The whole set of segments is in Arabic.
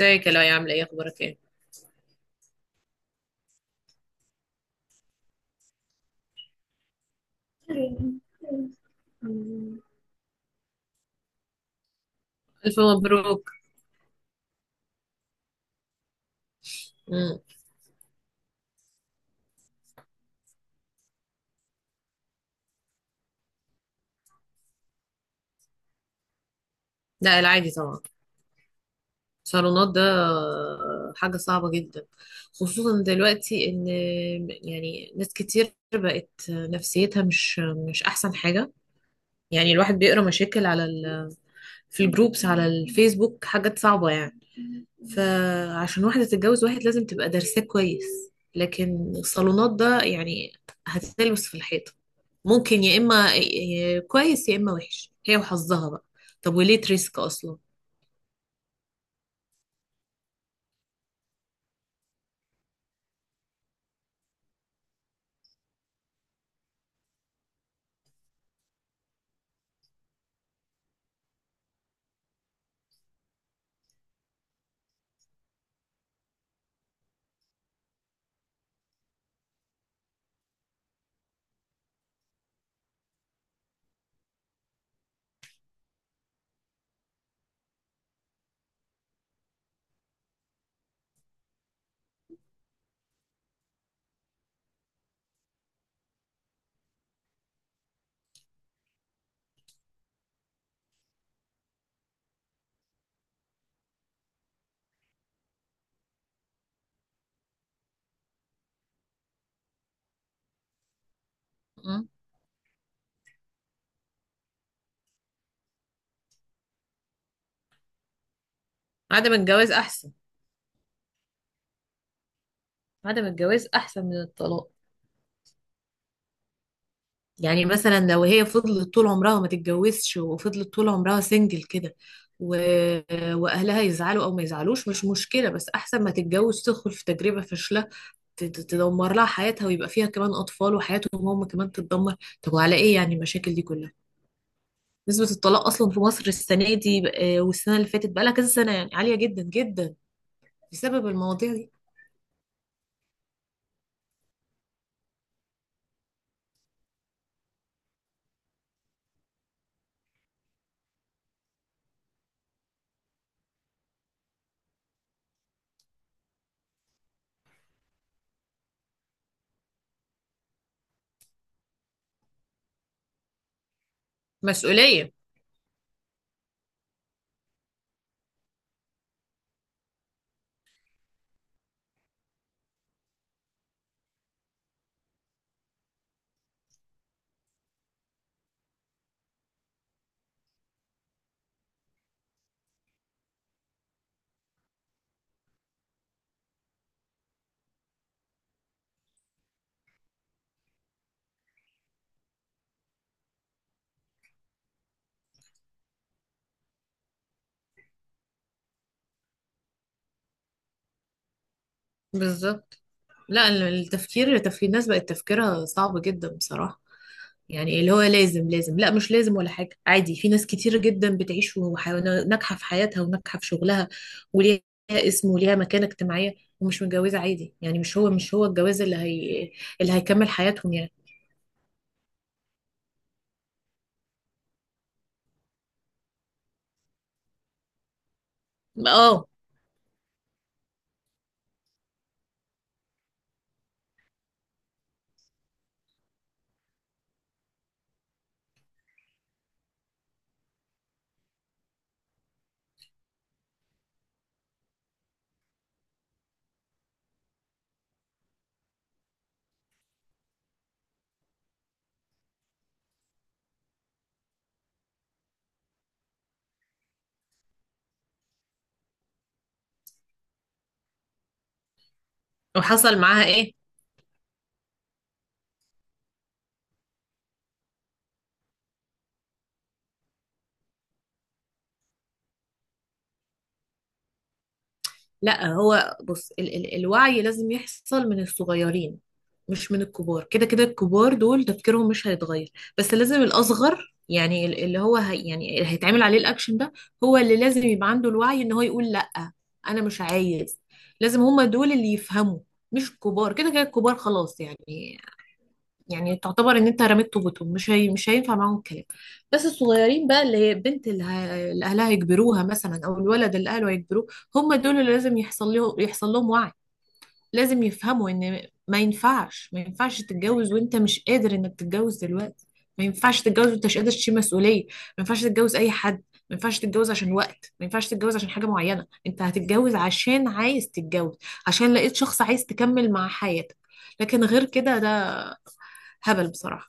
ازيك يا لؤي، عاملة ايه؟ اخبارك ايه؟ ألف مبروك. مم. لا، العادي طبعا. صالونات ده حاجة صعبة جدا، خصوصا دلوقتي ان يعني ناس كتير بقت نفسيتها مش احسن حاجة. يعني الواحد بيقرا مشاكل في الجروبس على الفيسبوك، حاجات صعبة يعني. فعشان واحدة تتجوز واحد لازم تبقى دارساه كويس. لكن الصالونات ده يعني هتتلبس في الحيطة، ممكن يا إما كويس يا إما وحش، هي وحظها بقى. طب وليه تريسك أصلا؟ م? عدم الجواز أحسن. عدم الجواز أحسن من الطلاق. يعني مثلا لو هي فضلت طول عمرها ما تتجوزش، وفضلت طول عمرها سنجل كده، و... وأهلها يزعلوا أو ما يزعلوش مش مشكلة، بس أحسن ما تتجوز تدخل في تجربة فاشلة، تدمر لها حياتها، ويبقى فيها كمان أطفال وحياتهم هم كمان تتدمر. طب وعلى إيه يعني المشاكل دي كلها؟ نسبة الطلاق أصلا في مصر السنة دي والسنة اللي فاتت بقالها كذا سنة يعني عالية جدا جدا، بسبب المواضيع دي. مسؤولية. بالظبط. لا التفكير، تفكير الناس بقت تفكيرها صعب جدا بصراحة. يعني اللي هو لازم لا مش لازم ولا حاجة، عادي، في ناس كتير جدا بتعيش وحيوانات ناجحة في حياتها وناجحة في شغلها، وليها اسم وليها مكانة اجتماعية ومش متجوزة، عادي. يعني مش هو الجواز اللي هي اللي هيكمل حياتهم يعني. اه. وحصل معاها ايه؟ لا هو بص، ال الوعي لازم يحصل من الصغيرين، مش من الكبار. كده كده الكبار دول تفكيرهم مش هيتغير، بس لازم الأصغر يعني اللي هو هي، يعني اللي هيتعمل عليه الأكشن ده، هو اللي لازم يبقى عنده الوعي إن هو يقول لأ أنا مش عايز. لازم هما دول اللي يفهموا، مش الكبار. كده كده الكبار خلاص يعني، يعني تعتبر ان انت رميت طوبتهم، مش هي، مش هينفع معاهم الكلام. بس الصغيرين بقى، اللي هي البنت اللي اهلها يجبروها مثلا، او الولد اللي اهله هيجبروه، هم دول اللي لازم يحصل لهم وعي. لازم يفهموا ان ما ينفعش تتجوز وانت مش قادر انك تتجوز دلوقتي، ما ينفعش تتجوز وانت مش قادر تشيل مسؤولية، ما ينفعش تتجوز اي حد، ما ينفعش تتجوز عشان وقت، ما ينفعش تتجوز عشان حاجة معينة. انت هتتجوز عشان عايز تتجوز، عشان لقيت شخص عايز تكمل مع حياتك. لكن غير كده ده هبل بصراحة.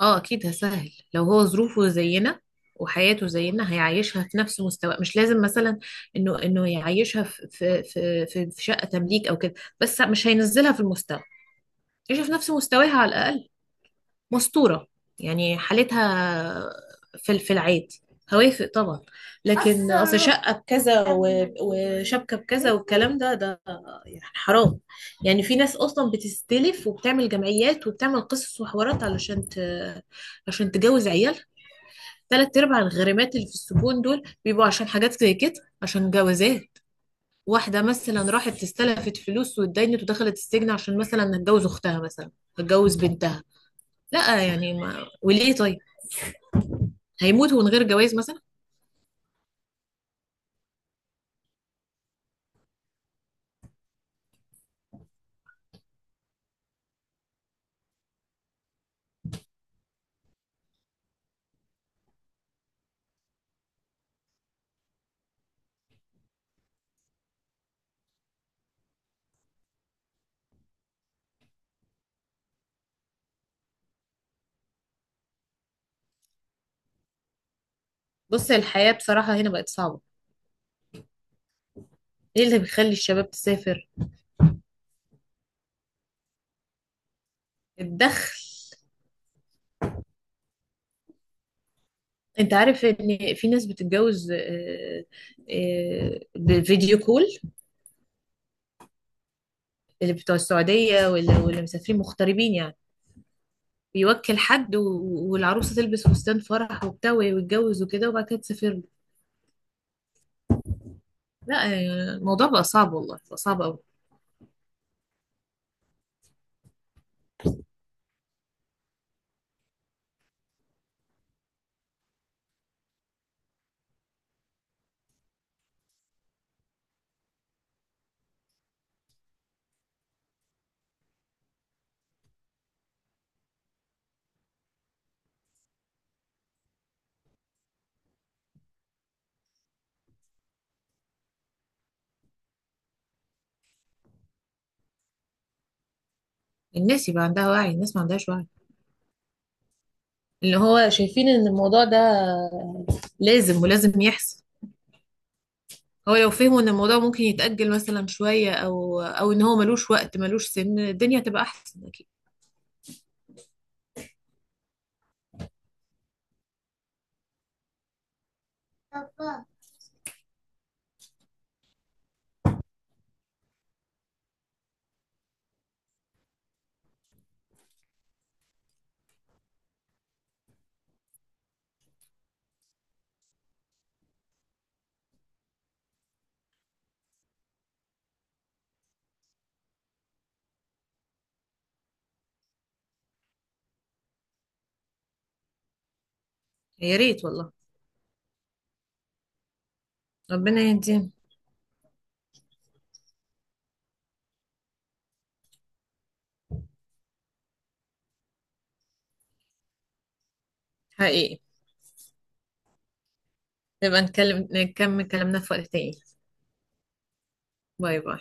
اه اكيد هسهل لو هو ظروفه زينا وحياته زينا، هيعيشها في نفس مستوى. مش لازم مثلا انه يعيشها في في شقة تمليك او كده، بس مش هينزلها في المستوى، يعيشها في نفس مستواها على الاقل، مستورة يعني حالتها في العيد، هوافق طبعا. لكن اصلا شقة بكذا وشبكة بكذا والكلام ده يعني حرام. يعني في ناس اصلا بتستلف وبتعمل جمعيات وبتعمل قصص وحوارات عشان تجوز عيالها. تلات ارباع الغريمات اللي في السجون دول بيبقوا عشان حاجات زي كده، عشان جوازات. واحدة مثلا راحت استلفت فلوس واتدينت ودخلت السجن عشان مثلا هتجوز اختها مثلا، هتجوز بنتها. لا يعني ما وليه طيب؟ هيموتوا من غير جواز مثلا؟ بص الحياة بصراحة هنا بقت صعبة. ايه اللي بيخلي الشباب تسافر؟ الدخل. انت عارف ان في ناس بتتجوز بفيديو كول، اللي بتوع السعودية ولا مسافرين مغتربين يعني، بيوكل حد والعروسة تلبس فستان فرح وبتاع ويتجوز وكده وبعد كده تسافر له. لا الموضوع بقى صعب، والله بقى صعب قوي. الناس يبقى عندها وعي، الناس ما عندهاش وعي، اللي هو شايفين ان الموضوع ده لازم، ولازم يحصل. هو لو فهموا ان الموضوع ممكن يتأجل مثلا شوية، او ان هو ملوش وقت ملوش سن، الدنيا تبقى احسن اكيد. يا ريت والله. ربنا يهديهم. حقيقي. نبقى نتكلم نكمل كلامنا في وقت تاني. باي باي.